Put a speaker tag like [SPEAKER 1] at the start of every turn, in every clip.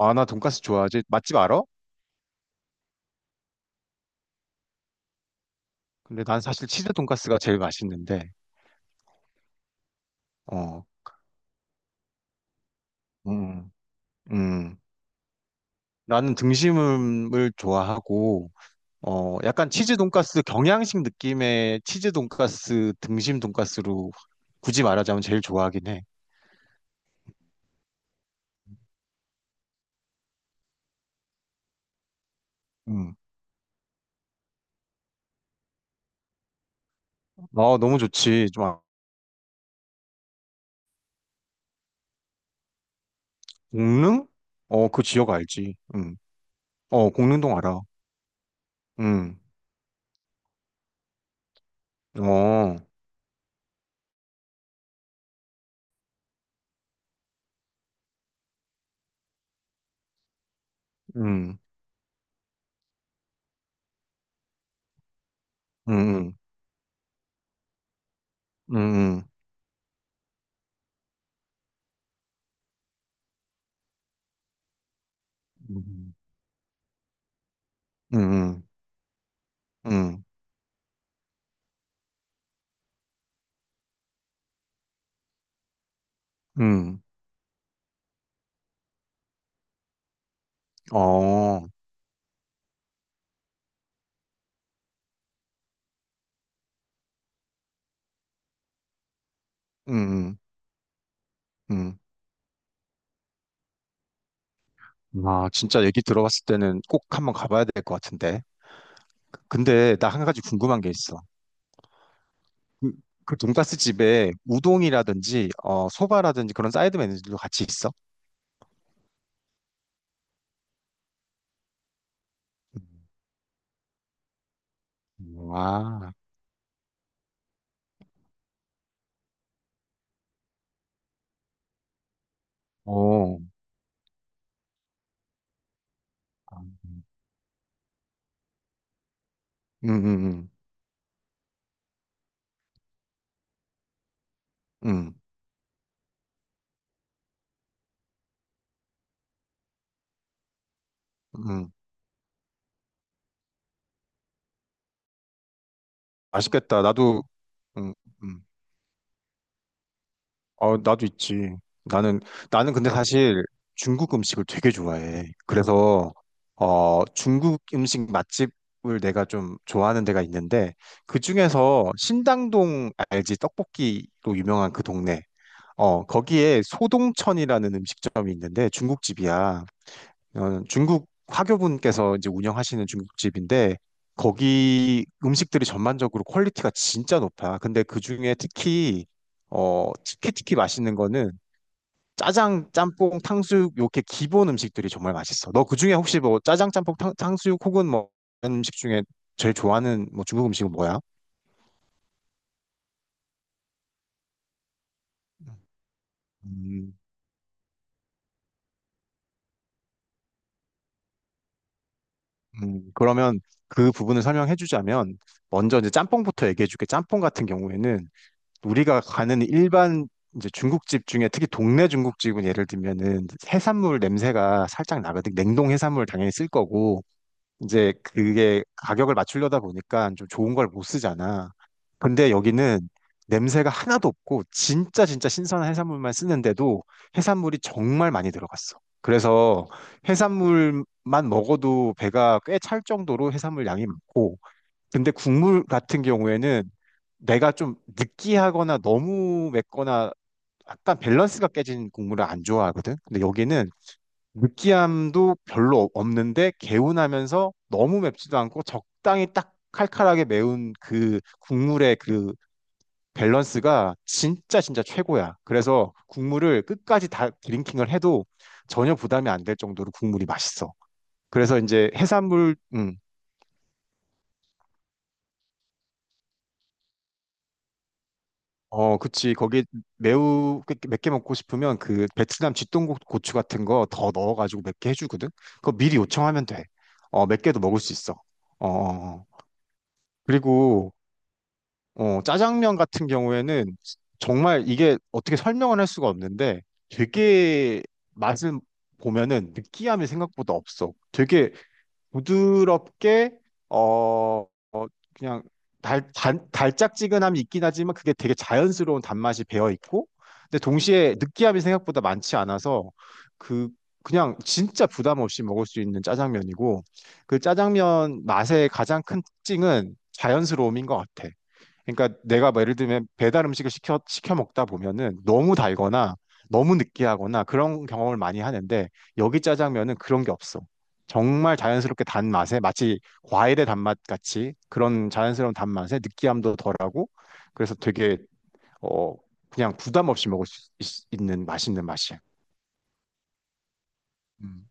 [SPEAKER 1] 아, 나 돈까스 좋아하지. 맛집 알아? 근데 난 사실 치즈 돈까스가 제일 맛있는데, 어, 음, 음. 나는 등심을 좋아하고, 어, 약간 치즈 돈까스 경양식 느낌의 치즈 돈까스 등심 돈까스로 굳이 말하자면 제일 좋아하긴 해. 음. 아, 너무 좋지. 좀, 아- 공릉? 어, 그 지역 알지. 음. 어, 공릉동 알아. 음. 어, 음, 음, 음, 음, 음, 음, 음, 음. 음. 어. 음, 음. 아, 진짜 얘기 들어봤을 때는 꼭 한번 가봐야 될 것 같은데. 근데 나 한 가지 궁금한 게 있어. 그, 그 돈가스 집에 우동이라든지, 어, 소바라든지 그런 사이드 메뉴들도 같이 있어? 아, 오. 음, 음, 음, 음, 음. 맛있겠다. 나도, 음, 음. 어, 나도 있지. 나는, 나는 근데 사실 중국 음식을 되게 좋아해. 그래서, 어, 중국 음식 맛집을 내가 좀 좋아하는 데가 있는데, 그 중에서 신당동 알지? 떡볶이로 유명한 그 동네. 어, 거기에 소동천이라는 음식점이 있는데 중국집이야. 어, 중국 화교분께서 이제 운영하시는 중국집인데 거기 음식들이 전반적으로 퀄리티가 진짜 높아. 근데 그중에 특히 어 특히 특히 맛있는 거는 짜장, 짬뽕, 탕수육 이렇게 기본 음식들이 정말 맛있어. 너 그중에 혹시 뭐 짜장, 짬뽕, 탕, 탕수육 혹은 뭐 이런 음식 중에 제일 좋아하는 뭐 중국 음식은 뭐야? 음, 그러면 그 부분을 설명해 주자면 먼저 이제 짬뽕부터 얘기해 줄게. 짬뽕 같은 경우에는 우리가 가는 일반 이제 중국집 중에 특히 동네 중국집은 예를 들면은 해산물 냄새가 살짝 나거든. 냉동 해산물 당연히 쓸 거고 이제 그게 가격을 맞추려다 보니까 좀 좋은 걸 못 쓰잖아. 근데 여기는 냄새가 하나도 없고 진짜 진짜 신선한 해산물만 쓰는데도 해산물이 정말 많이 들어갔어. 그래서 해산물만 먹어도 배가 꽤 찰 정도로 해산물 양이 많고 근데 국물 같은 경우에는 내가 좀 느끼하거나 너무 맵거나 약간 밸런스가 깨진 국물을 안 좋아하거든. 근데 여기는 느끼함도 별로 없- 는데 개운하면서 너무 맵지도 않고 적당히 딱 칼칼하게 매운 그 국물의 그 밸런스가 진짜 진짜 최고야. 그래서 국물을 끝까지 다 드링킹을 해도 전혀 부담이 안 될 정도로 국물이 맛있어. 그래서 이제 해산물, 어, 그치. 거기 매우 맵게 먹고 싶으면 그 베트남 쥐똥고 고추 같은 거 더 넣어가지고 맵게 해주거든. 그거 미리 요청하면 돼. 어, 맵게도 먹을 수 있어. 어, 어, 어. 그리고 어, 짜장면 같은 경우에는 정말 이게 어떻게 설명을 할 수가 없는데 되게 맛을 보면은 느끼함이 생각보다 없어. 되게 부드럽게 어, 어, 그냥 달짝지근함이 있긴 하지만 그게 되게 자연스러운 단맛이 배어 있고 근데 동시에 느끼함이 생각보다 많지 않아서 그 그냥 진짜 부담 없이 먹을 수 있는 짜장면이고 그 짜장면 맛의 가장 큰 특징은 자연스러움인 것 같아. 그러니까 내가 뭐 예를 들면 배달 음식을 시켜 먹다 보면은 너무 달거나 너무 느끼하거나 그런 경험을 많이 하는데 여기 짜장면은 그런 게 없어. 정말 자연스럽게 단맛에 마치 과일의 단맛 같이 그런 자연스러운 단맛에 느끼함도 덜하고 그래서 되게 어 그냥 부담 없이 먹을 수 있, 는 맛있는 맛이야. 음.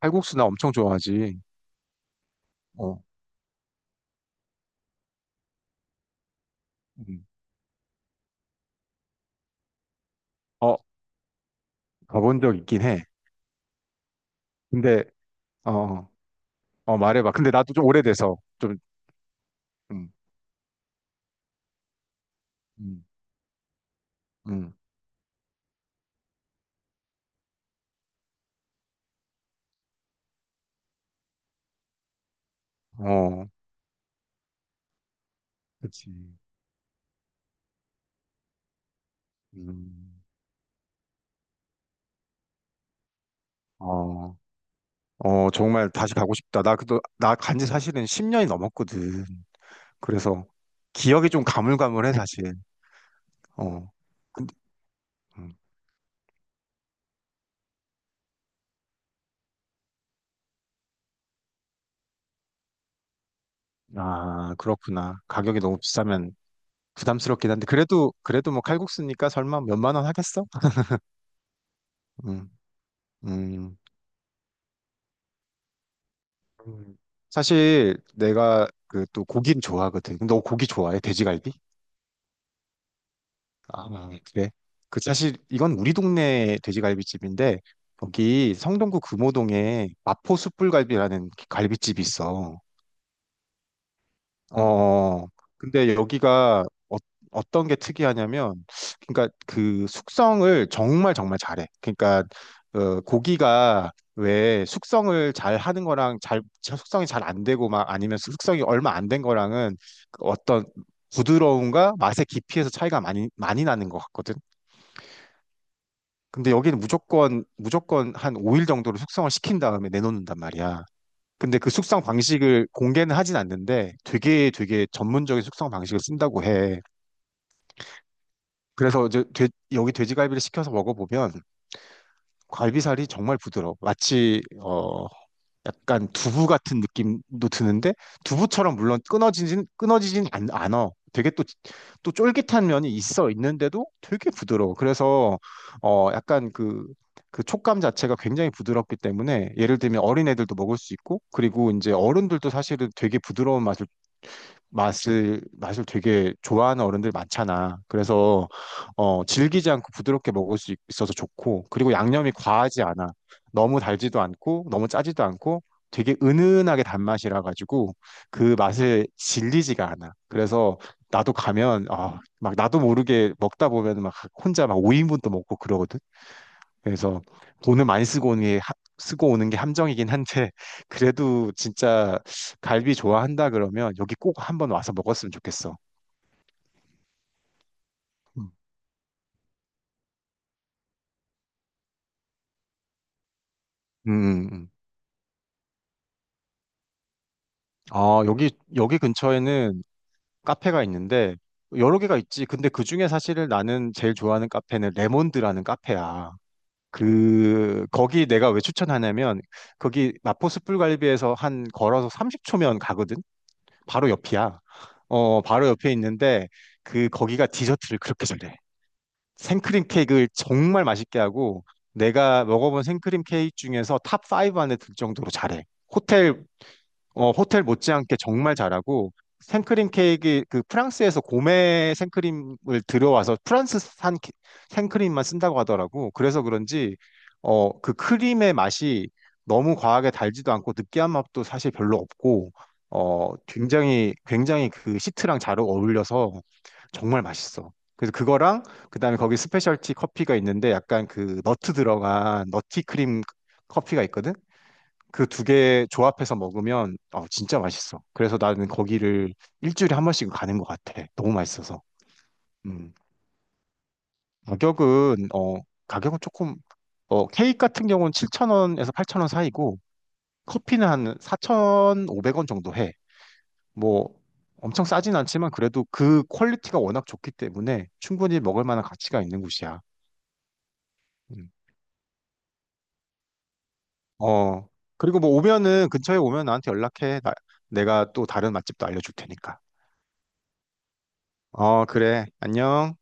[SPEAKER 1] 칼국수 나 엄청 좋아하지. 어, 음. 어 가본 적 있긴 해. 근데 어, 어 어, 말해봐. 근데 나도 좀 오래돼서 좀 음, 음, 음. 어, 그치. 음, 어, 어, 정말 다시 가고 싶다. 나 그도 나 간지 사실은 10년이 넘었거든. 그래서 기억이 좀 가물가물해 사실. 어, 근데 음, 아 그렇구나. 가격이 너무 비싸면 부담스럽긴 한데 그래도 그래도 뭐 칼국수니까 설마 몇만 원 하겠어? 음, 음. 음. 사실 내가 그 또 고기는 좋아하거든. 너 고기 좋아해? 돼지갈비? 아, 그래. 그 사실 이건 우리 동네 돼지갈비집인데 거기 성동구 금호동에 마포 숯불갈비라는 갈비집이 있어. 어. 근데 여기가 어, 어떤 게 특이하냐면 그러니까 그 숙성을 정말 정말 잘해. 그러니까 어, 고기가 왜 숙성을 잘 하는 거랑 잘 숙성이 잘 안 되고 막 아니면 숙성이 얼마 안 된 거랑은 그 어떤 부드러움과 맛의 깊이에서 차이가 많이 많이 나는 것 같거든. 근데 여기는 무조건 무조건 한 5일 정도로 숙성을 시킨 다음에 내놓는단 말이야. 근데 그 숙성 방식을 공개는 하진 않는데 되게 되게 전문적인 숙성 방식을 쓴다고 해. 그래서 이제 돼- 여기 돼지갈비를 시켜서 먹어보면 갈비살이 정말 부드러워. 마치 어, 약간 두부 같은 느낌도 드는데 두부처럼 물론 끊어지진 않아. 되게 또 또 쫄깃한 면이 있어 있는데도 되게 부드러워. 그래서 어 약간 그 그 촉감 자체가 굉장히 부드럽기 때문에 예를 들면 어린애들도 먹을 수 있고 그리고 이제 어른들도 사실은 되게 부드러운 맛을 맛을 되게 좋아하는 어른들 많잖아. 그래서 어, 질기지 않고 부드럽게 먹을 수 있- 있어서 좋고 그리고 양념이 과하지 않아. 너무 달지도 않고 너무 짜지도 않고 되게 은은하게 단맛이라 가지고 그 맛을 질리지가 않아. 그래서 나도 가면 아, 막 나도 모르게 먹다 보면 막 혼자 막 5인분도 먹고 그러거든. 그래서 돈을 많이 쓰고 오는 게 하- 쓰고 오는 게 함정이긴 한데 그래도 진짜 갈비 좋아한다 그러면 여기 꼭 한번 와서 먹었으면 좋겠어. 음. 음, 음. 아, 여기 여기 근처에는 카페가 있는데 여러 개가 있지. 근데 그중에 사실 나는 제일 좋아하는 카페는 레몬드라는 카페야. 그 거기 내가 왜 추천하냐면 거기 마포 숯불갈비에서 한 걸어서 30초면 가거든. 바로 옆이야. 어, 바로 옆에 있는데 그 거기가 디저트를 그렇게 잘해. 생크림 케이크를 정말 맛있게 하고 내가 먹어본 생크림 케이크 중에서 탑5 안에 들 정도로 잘해. 호텔 어, 호텔 못지않게 정말 잘하고 생크림 케이크 그 프랑스에서 고메 생크림을 들여와서 프랑스산 케- 생크림만 쓴다고 하더라고. 그래서 그런지 어, 그 크림의 맛이 너무 과하게 달지도 않고 느끼한 맛도 사실 별로 없고 어, 굉장히 굉장히 그 시트랑 잘 어울려서 정말 맛있어. 그래서 그거랑 그다음에 거기 스페셜티 커피가 있는데 약간 그 너트 들어간 너티 크림 커피가 있거든. 그 두 개 조합해서 먹으면 어, 진짜 맛있어. 그래서 나는 거기를 일주일에 한 번씩 가는 것 같아. 너무 맛있어서. 음. 가격은 어, 가격은 조금 어, 케이크 같은 경우는 7,000원에서 8,000원 사이고 커피는 한 4,500원 정도 해. 뭐 엄청 싸진 않지만 그래도 그 퀄리티가 워낙 좋기 때문에 충분히 먹을 만한 가치가 있는 곳이야. 음. 어, 그리고 뭐 오면은 근처에 오면 나한테 연락해. 나- 내가 또 다른 맛집도 알려줄 테니까. 어, 그래. 안녕.